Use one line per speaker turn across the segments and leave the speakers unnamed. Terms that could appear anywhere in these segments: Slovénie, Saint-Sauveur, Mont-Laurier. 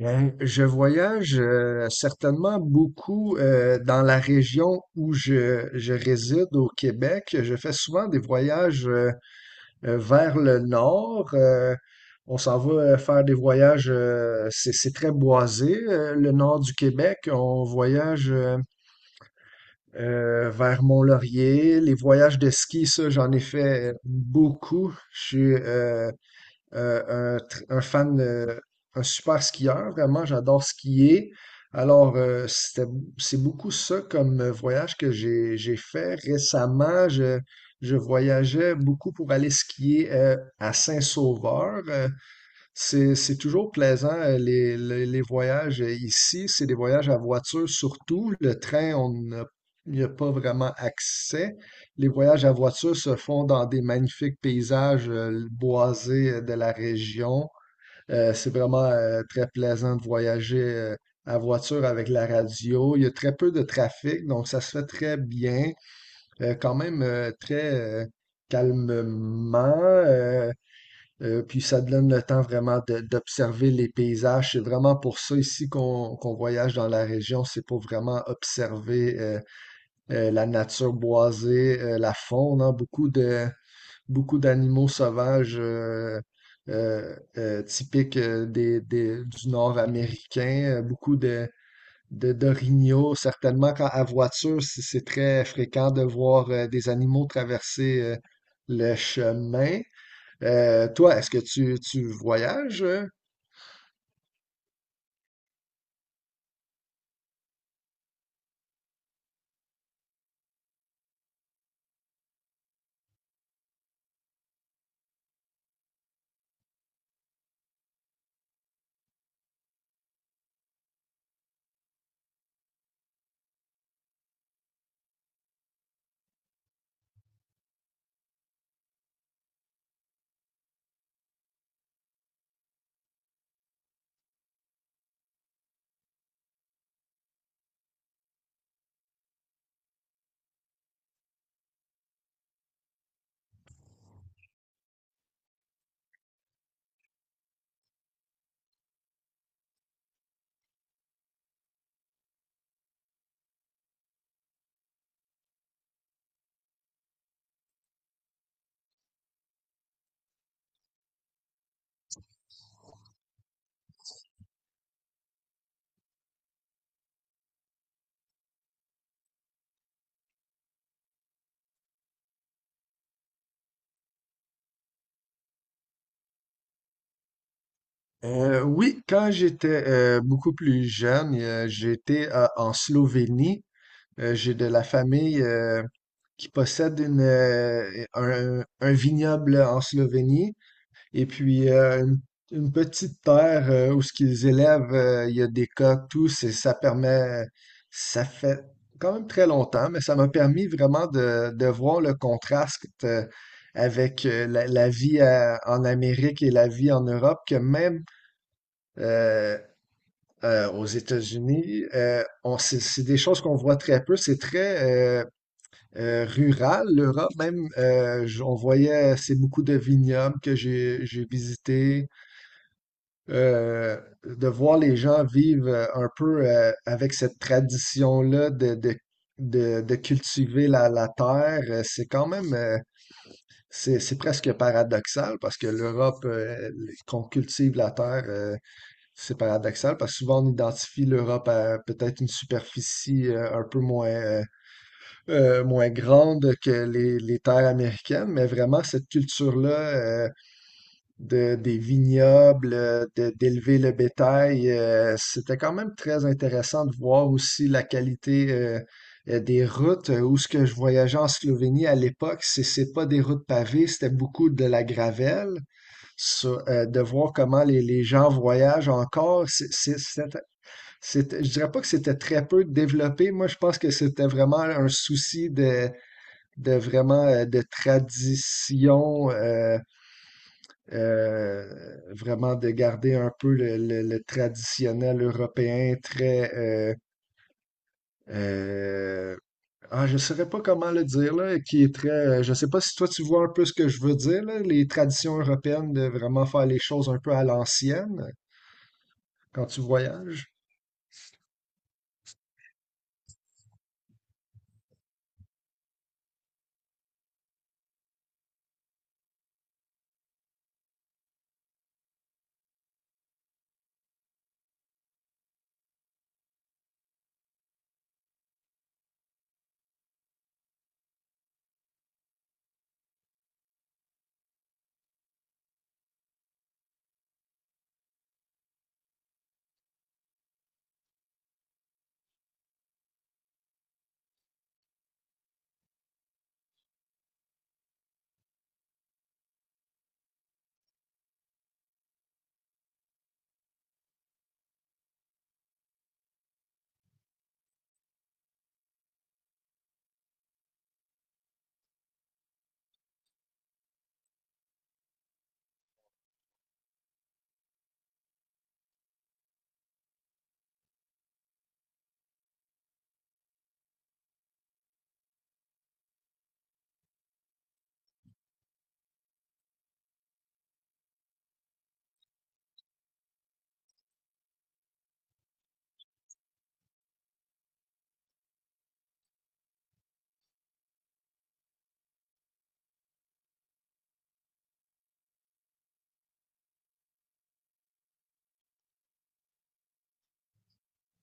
Hein, je voyage certainement beaucoup dans la région où je réside au Québec. Je fais souvent des voyages vers le nord. On s'en va faire des voyages, c'est très boisé, le nord du Québec. On voyage vers Mont-Laurier. Les voyages de ski, ça, j'en ai fait beaucoup. Je suis un fan, un super skieur, vraiment, j'adore skier. Alors, c'est beaucoup ça comme voyage que j'ai fait récemment. Je voyageais beaucoup pour aller skier à Saint-Sauveur. C'est toujours plaisant, les voyages ici. C'est des voyages à voiture surtout. Le train, on n'a- n'y a pas vraiment accès. Les voyages à voiture se font dans des magnifiques paysages boisés de la région. C'est vraiment très plaisant de voyager à voiture avec la radio. Il y a très peu de trafic, donc ça se fait très bien. Quand même très calmement. Puis ça donne le temps vraiment d'observer les paysages. C'est vraiment pour ça ici qu'on voyage dans la région, c'est pour vraiment observer la nature boisée, la faune, hein. Beaucoup d'animaux sauvages typiques du nord américain, beaucoup de d'orignaux. Certainement, quand à voiture, c'est très fréquent de voir des animaux traverser le chemin. Toi, est-ce que tu voyages? Oui, quand j'étais beaucoup plus jeune, j'étais en Slovénie. J'ai de la famille qui possède un vignoble en Slovénie. Et puis, une petite terre où ce qu'ils élèvent, il y a des coques, tout, ça permet, ça fait quand même très longtemps, mais ça m'a permis vraiment de voir le contraste avec la vie en Amérique et la vie en Europe, que même euh, aux États-Unis, on, c'est des choses qu'on voit très peu. C'est très euh, rural, l'Europe même. On voyait, c'est beaucoup de vignobles que j'ai visités euh, de voir les gens vivre un peu avec cette tradition-là de cultiver la terre, c'est quand même, c'est presque paradoxal parce que l'Europe, qu'on cultive la terre, c'est paradoxal parce que souvent on identifie l'Europe à peut-être une superficie un peu moins, moins grande que les terres américaines, mais vraiment cette culture-là, des vignobles, d'élever le bétail. Euh, c'était quand même très intéressant de voir aussi la qualité des routes. Euh, où ce que je voyageais en Slovénie à l'époque, c'est pas des routes pavées, c'était beaucoup de la gravelle. De voir comment les gens voyagent encore, je dirais pas que c'était très peu développé. Moi, je pense que c'était vraiment un souci de vraiment de tradition. Euh, Vraiment de garder un peu le traditionnel européen très euh, ah, je saurais pas comment le dire là, qui est très je sais pas si toi tu vois un peu ce que je veux dire là, les traditions européennes de vraiment faire les choses un peu à l'ancienne quand tu voyages.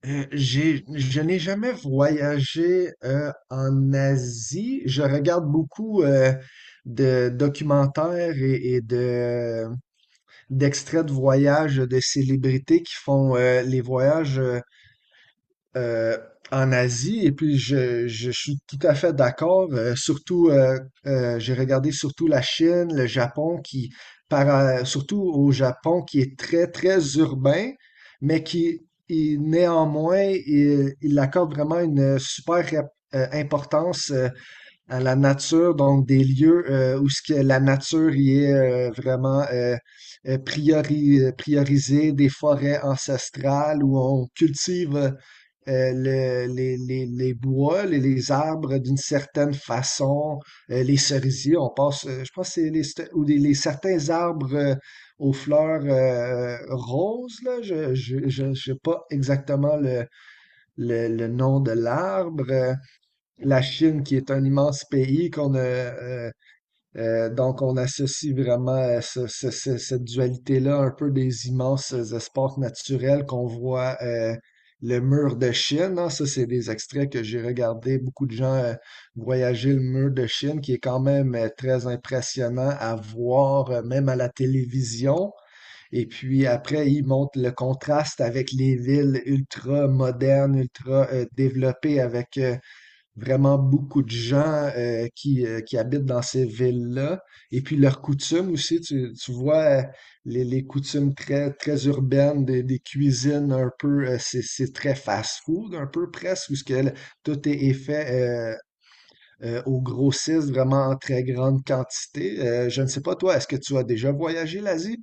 Je n'ai jamais voyagé en Asie. Je regarde beaucoup de documentaires et de d'extraits de voyages de célébrités qui font les voyages euh, en Asie. Et puis, je suis tout à fait d'accord. Surtout, j'ai regardé surtout la Chine, le Japon, surtout au Japon, qui est très, très urbain, mais néanmoins, il accorde vraiment une super importance à la nature, donc des lieux où ce que la nature y est vraiment priorisée, des forêts ancestrales où on cultive les bois, les arbres d'une certaine façon, les cerisiers, on passe, je pense que c'est les, st- ou des- les certains arbres aux fleurs roses, là, je sais pas exactement le nom de l'arbre. Euh, la Chine, qui est un immense pays, donc on associe vraiment cette dualité-là un peu des immenses espaces naturels qu'on voit le mur de Chine, hein. Ça, c'est des extraits que j'ai regardés. Beaucoup de gens voyager le mur de Chine, qui est quand même très impressionnant à voir, même à la télévision. Et puis après, il montre le contraste avec les villes ultra modernes, ultra développées, avec vraiment beaucoup de gens qui habitent dans ces villes-là. Et puis leurs coutumes aussi, tu vois les coutumes très, très urbaines des cuisines un peu, c'est très fast-food un peu presque, où ce que le- tout est fait aux grossistes vraiment en très grande quantité. Je ne sais pas, toi, est-ce que tu as déjà voyagé l'Asie?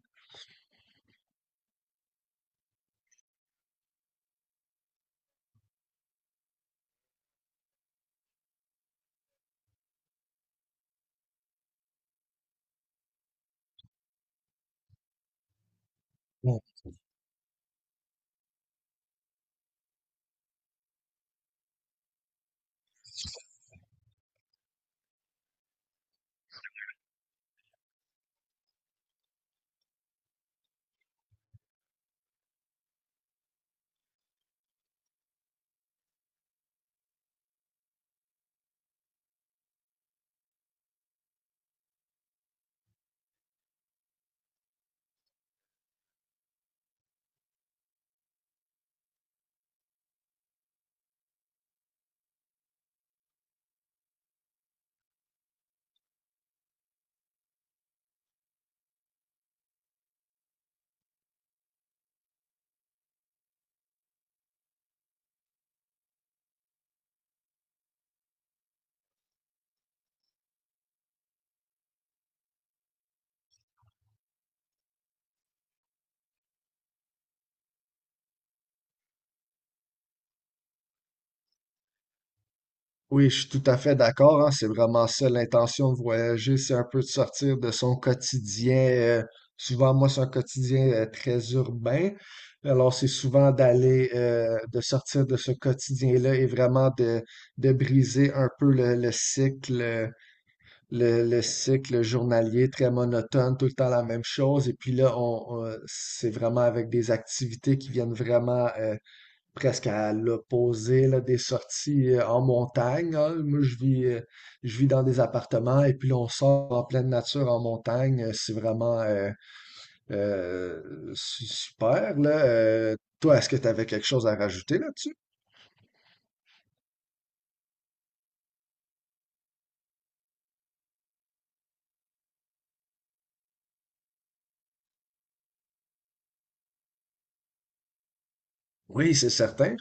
Oui, je suis tout à fait d'accord, hein, c'est vraiment ça l'intention de voyager, c'est un peu de sortir de son quotidien. euh, Souvent, moi, c'est un quotidien très urbain. Alors, c'est souvent d'aller, de sortir de ce quotidien-là et vraiment de briser un peu le cycle, le cycle journalier très monotone, tout le temps la même chose. Et puis là, c'est vraiment avec des activités qui viennent vraiment presque à l'opposé là, des sorties en montagne, hein. Moi, je vis dans des appartements et puis là, on sort en pleine nature en montagne. C'est vraiment super, là. Toi, est-ce que tu avais quelque chose à rajouter là-dessus? Oui, c'est certain.